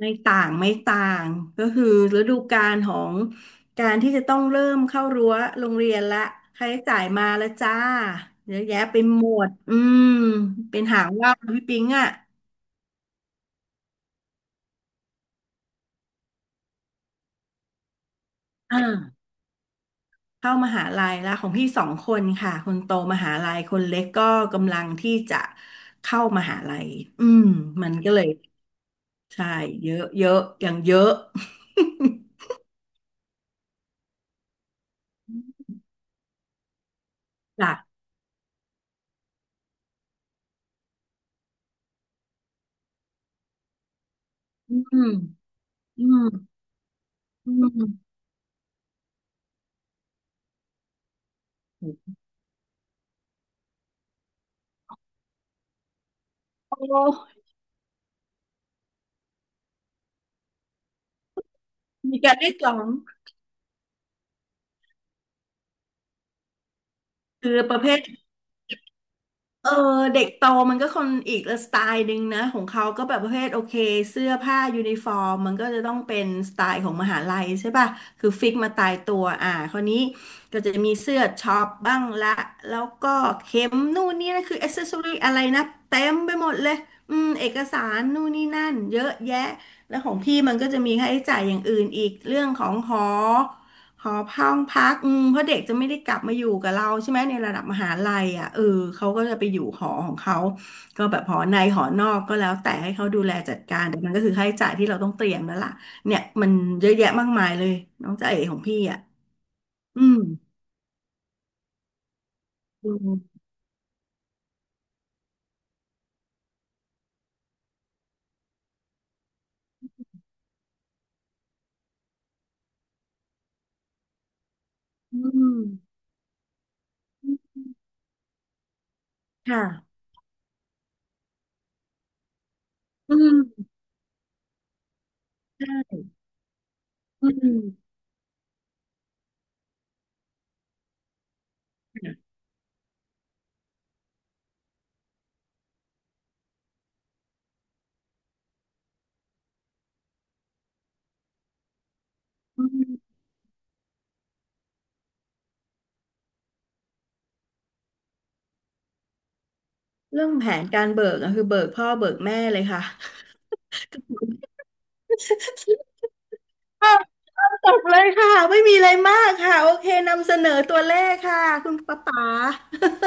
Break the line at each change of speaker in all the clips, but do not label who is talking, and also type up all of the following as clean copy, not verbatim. ไม่ต่างไม่ต่างก็คือฤดูกาลของการที่จะต้องเริ่มเข้ารั้วโรงเรียนละค่าใช้จ่ายมาแล้วจ้าเยอะแยะไปหมดเป็นหางว่าวพี่ปิงอ่ะอ่าเข้ามหาลัยและของพี่สองคนค่ะคนโตมหาลัยคนเล็กก็กำลังที่จะเข้ามหาลัยอืมมันก็เลยใช่เยอะเยอะอย่างเยอะ จ้ะอืมอืมอืมโอ้มีการได้กลอง คือประเภทเออเด็กโตมันก็คนอีกสไตล์หนึ่งนะของเขาก็แบบประเภทโอเคเสื้อผ้ายูนิฟอร์มมันก็จะต้องเป็นสไตล์ของมหาลัยใช่ป่ะคือฟิกมาตายตัวอ่าคราวนี้ก็จะมีเสื้อช็อปบ้างละแล้วก็เข็มนู่นนี่นะคืออ c เซสซอรี่อะไรนะเต็มไปหมดเลยเอกสารนู่นนี่นั่นเยอะแยะแล้วของพี่มันก็จะมีค่าใช้จ่ายอย่างอื่นอีกเรื่องของหอ หอห้องพักเพราะเด็กจะไม่ได้กลับมาอยู่กับเราใช่ไหมในระดับมหาลัยอ่ะเออเขาก็จะไปอยู่หอของเขาก็แบบหอในหอนอกก็แล้วแต่ให้เขาดูแลจัดการแต่มันก็คือค่าใช้จ่ายที่เราต้องเตรียมแล้วล่ะเนี่ยมันเยอะแยะมากมายเลยน้องจ๊ะเอ๋ของพี่อ่ะอืมอืมอืมค่ะอืมอืมอืมเรื่องแผนการเบิกอะคือเบิกพ่อเบิกแม่เลยค่ะ อ้าวอ้าวจบเลยค่ะไม่มีอะไรมากค่ะโอเคนำเสนอตัวเลขค่ะคุณป๊าป๋า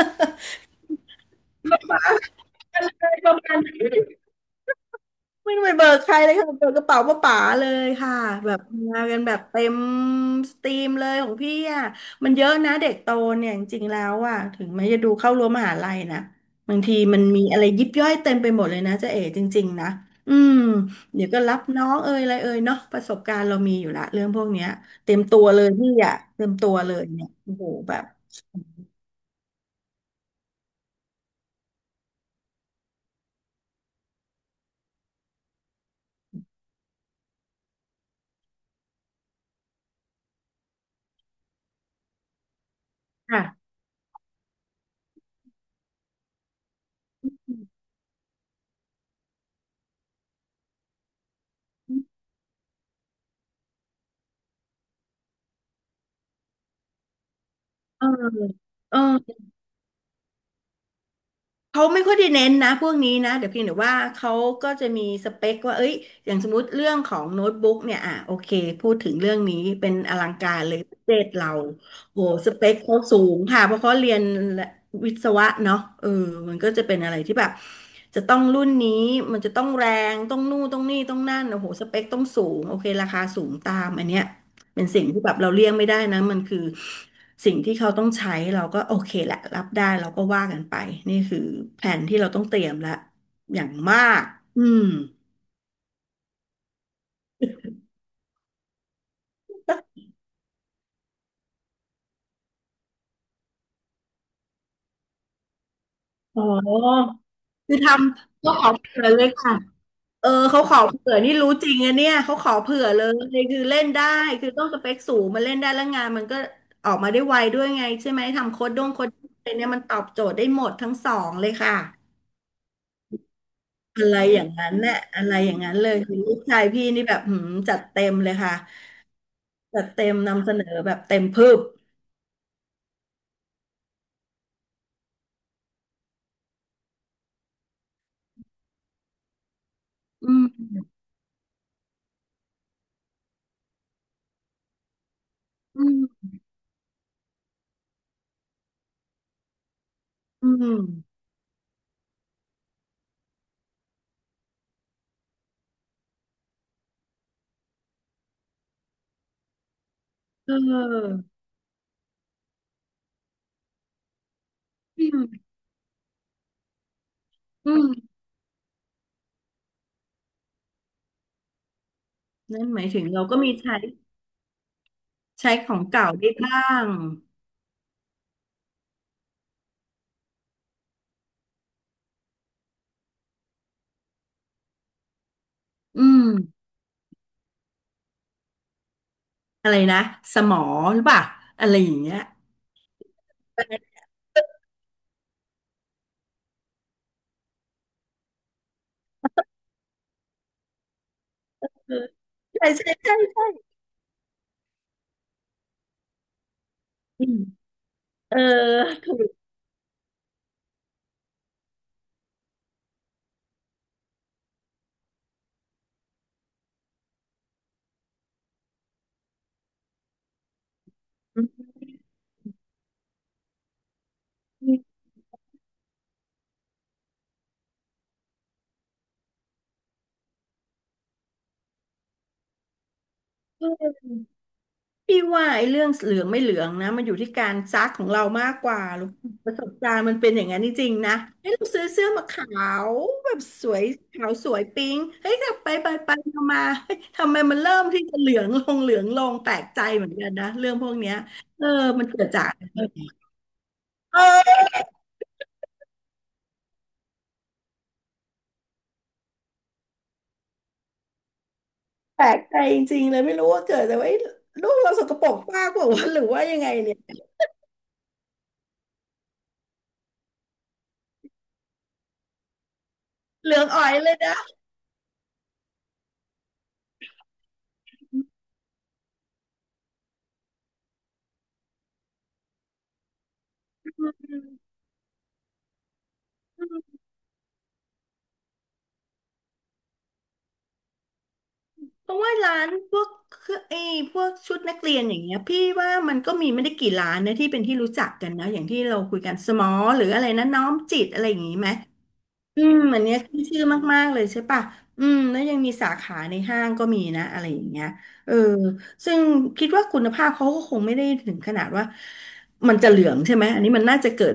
อะไรประมาณนี้ ไม่ต้องไปเบิกใครเลยค่ะเบิกกระเป๋าป้าป๋าเลยค่ะแบบมากันแบบเต็มสตรีมเลยของพี่อ่ะมันเยอะนะเด็กโตเนี่ยจริงๆแล้วอ่ะถึงแม้จะดูเข้ารั้วมหาลัยนะบางทีมันมีอะไรยิบย่อยเต็มไปหมดเลยนะจ๊ะเอ๋จริงๆนะอืมเดี๋ยวก็รับน้องเอ่ยอะไรเอ่ยเนาะประสบการณ์เรามีอยู่ละเรื่องพวกเนี้ยเต็มตัวเลยพี่อ่ะเต็มตัวเลยเนี่ยโอ้โหแบบค่ะเออเออ เขาไม่ค่อยได้เน้นนะพวกนี้นะเดี๋ยวเพียงแต่ว่าเขาก็จะมีสเปคว่าเอ้ยอย่างสมมติเรื่องของโน้ตบุ๊กเนี่ยอ่ะโอเคพูดถึงเรื่องนี้เป็นอลังการเลยประเทศเราโหสเปคเขาสูงค่ะเพราะเขาเรียนวิศวะเนาะเออมันก็จะเป็นอะไรที่แบบจะต้องรุ่นนี้มันจะต้องแรงต้องนู่นต้องนี่ต้องนั่นโอ้โหสเปคต้องสูงโอเคราคาสูงตามอันเนี้ยเป็นสิ่งที่แบบเราเลี่ยงไม่ได้นะมันคือ สิ่งที่เขาต้องใช้เราก็โอเคแหละรับได้เราก็ว่ากันไปนี่คือแผนที่เราต้องเตรียมละอย่างมากอืมอ๋อคือทำเขาขอเผื่อเลยค่ะเขาขอเผื่อนี่รู้จริงอะเนี่ยเขาขอเผื่อเลยคือเล่นได้คือต้องสเปคสูงมันเล่นได้แล้วงานมันก็ออกมาได้ไวด้วยไงใช่ไหมทำโค้ดด้งโค้ดอะไรเนี่ยมันตอบโจทย์ได้หมดทั้งสองเลยค่ะอะไรอย่างนั้นเนี่ยอะไรอย่างนั้นเลยคือลูกชายพี่นี่แบบหืมจัดเต็มเลยค่ะ จัดเต็มนำเสนอแบบเต็มพืบอืมอืมอืมเอออืมอืมนั่นหมายถึงเราก็มีใช้ใช้ของเก่าได้บ้าง อืมอะไรนะสมอหรือเปล่าอะไรอย่างเงี้ยอใช่ใช่ใช่ใช่อืมเออถูก พี่ว่าไอ้เรื่องเหลืองไม่เหลืองนะมันอยู่ที่การซักของเรามากกว่าลูกประสบการณ์มันเป็นอย่างนั้นจริงๆนะเฮ้ยเราซื้อเสื้อมาขาวแบบสวยขาวสวยปิ๊งเฮ้ยแต่ไปไปไปมามาเฮ้ยทำไมมันเริ่มที่จะเหลืองลงเหลืองลงแปลกใจเหมือนกันนะเรื่องพวกเนี้ยเออมันเกิดจากอะไรเออแปลกใจจริงๆเลยไม่รู้ว่าเกิดแต่ว่าเอ้ยลูกเราสกปรกมากกว่าวะหรือว่ายังไงเนี่ยเหลืองอ่อยเลยนะอืม เพราะว่าร้านพวกเครื่องไอ้พวกชุดนักเรียนอย่างเงี้ยพี่ว่ามันก็มีไม่ได้กี่ร้านนะที่เป็นที่รู้จักกันนะอย่างที่เราคุยกันสมอหรืออะไรนะน้อมจิตอะไรอย่างงี้ไหมอันเนี้ยขึ้นชื่อมากๆเลยใช่ปะแล้วยังมีสาขาในห้างก็มีนะอะไรอย่างเงี้ยเออซึ่งคิดว่าคุณภาพเขาก็คงไม่ได้ถึงขนาดว่ามันจะเหลืองใช่ไหมอันนี้มันน่าจะเกิด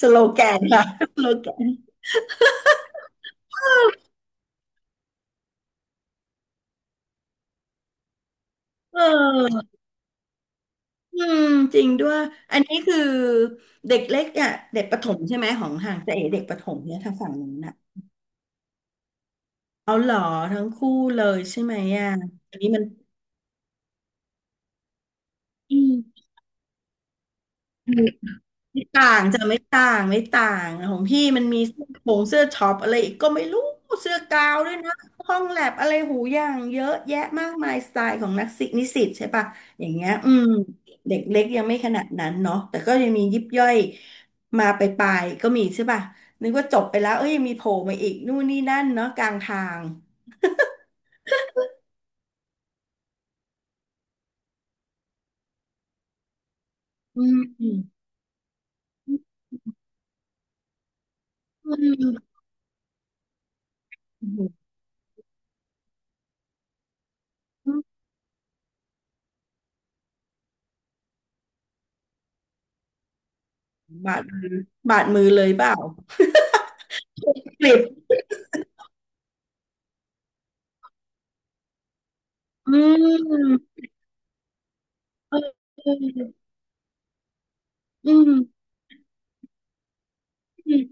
สโลแกนค่ะ สโลแกนเออ อืมจริงด้วยอันนี้คือเด็กเล็กอ่ะเด็กประถมใช่ไหมของห่างจะเอ๋เด็กประถมเนี่ยทางฝั่งนู้นน่ะเอาเหรอทั้งคู่เลยใช่ไหมอ่ะอันนี้มันอืม ไม่ต่างไม่ต่างของพี่มันมีเสื้อโปรงเสื้อช็อปอะไรอีกก็ไม่รู้เสื้อกาวด้วยนะห้องแลบอะไรหูอย่างเยอะแยะมากมายสไตล์ของนักศึกนิสิตใช่ปะอย่างเงี้ยอืมเด็กเล็กยังไม่ขนาดนั้นเนาะแต่ก็ยังมียิบย่อยมาไปลายๆก็มีใช่ปะนึกว่าจบไปแล้วเอ้ยยังมีโผล่มาอีกนู่นนี่นั่นเนาะกลางทางอืมอืมอบาดมือบาดมือเลยเปล่ากลิบอืมเออ อืมอืม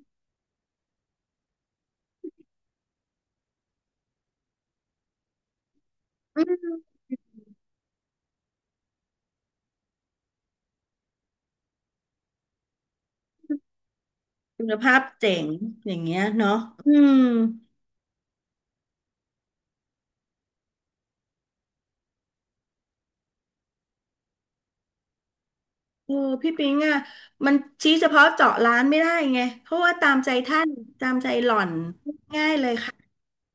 อืมคุณภาพเจ๋งอย่างเงี้ยเนาะอืมเออพี่ปิงอ่ะมันชี้เฉพาะเจาะร้านไม่ได้ไงเพราะว่าตามใจท่านตามใจหล่อนง่ายเลยค่ะ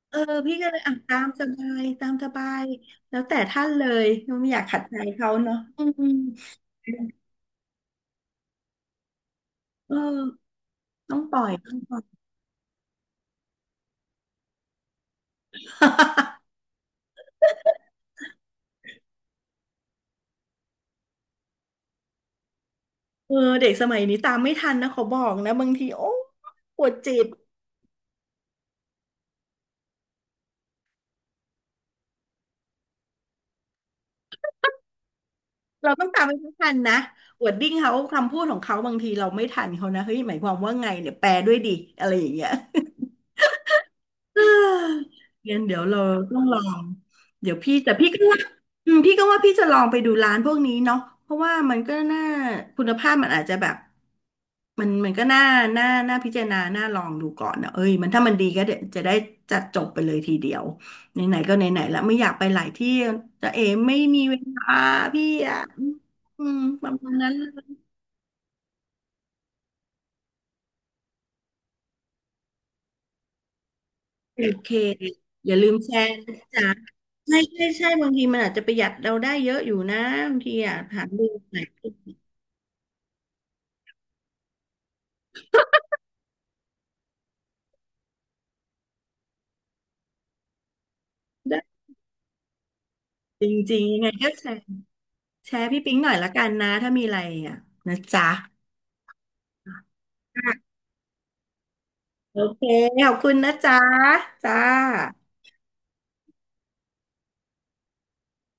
เออพี่ก็เลยอ่ะตามสบายตามสบายแล้วแต่ท่านเลยไม่อยากขัดใจเขาเนาะอืมเออต้องปล่อยต้องปล่อย เออเด็กสมัยนี้ตามไม่ทันนะขอบอกนะบางทีโอ้ปวดจิต เราต้องตามไปให้ทันนะวอร์ดดิ้งเขาคำพูดของเขาบางทีเราไม่ทันเขานะเฮ้ยหมายความว่าไงเนี่ยแปลด้วยดิอะไรอย่างเงี้ย งั้นเดี๋ยวเราต้องลองเดี๋ยวพี่แต่พี่ก็ว่าอืมพี่ก็ว่าพี่จะลองไปดูร้านพวกนี้เนาะเพราะว่ามันก็น่าคุณภาพมันอาจจะแบบมันก็น่าพิจารณาน่าลองดูก่อนนะเอ้ยถ้ามันดีก็เดี๋ยวจะได้จัดจบไปเลยทีเดียวไหนๆก็ไหนๆแล้วไม่อยากไปหลายที่จะเอไม่มีเวลาพี่อะอืมประมาณนั้น โอเคอย่าลืมแชร์นะจ๊ะใช่ใช่ใช่บางทีมันอาจจะประหยัดเราได้เยอะอยู่นะบางทีอ่ะหาดูไหนได้จริงๆยังไงก็แชร์แชร์พี่ปิ๊งหน่อยละกันนะถ้ามีอะไรอ่ะนะจ๊ะโอเคขอบคุณนะจ๊ะจ้า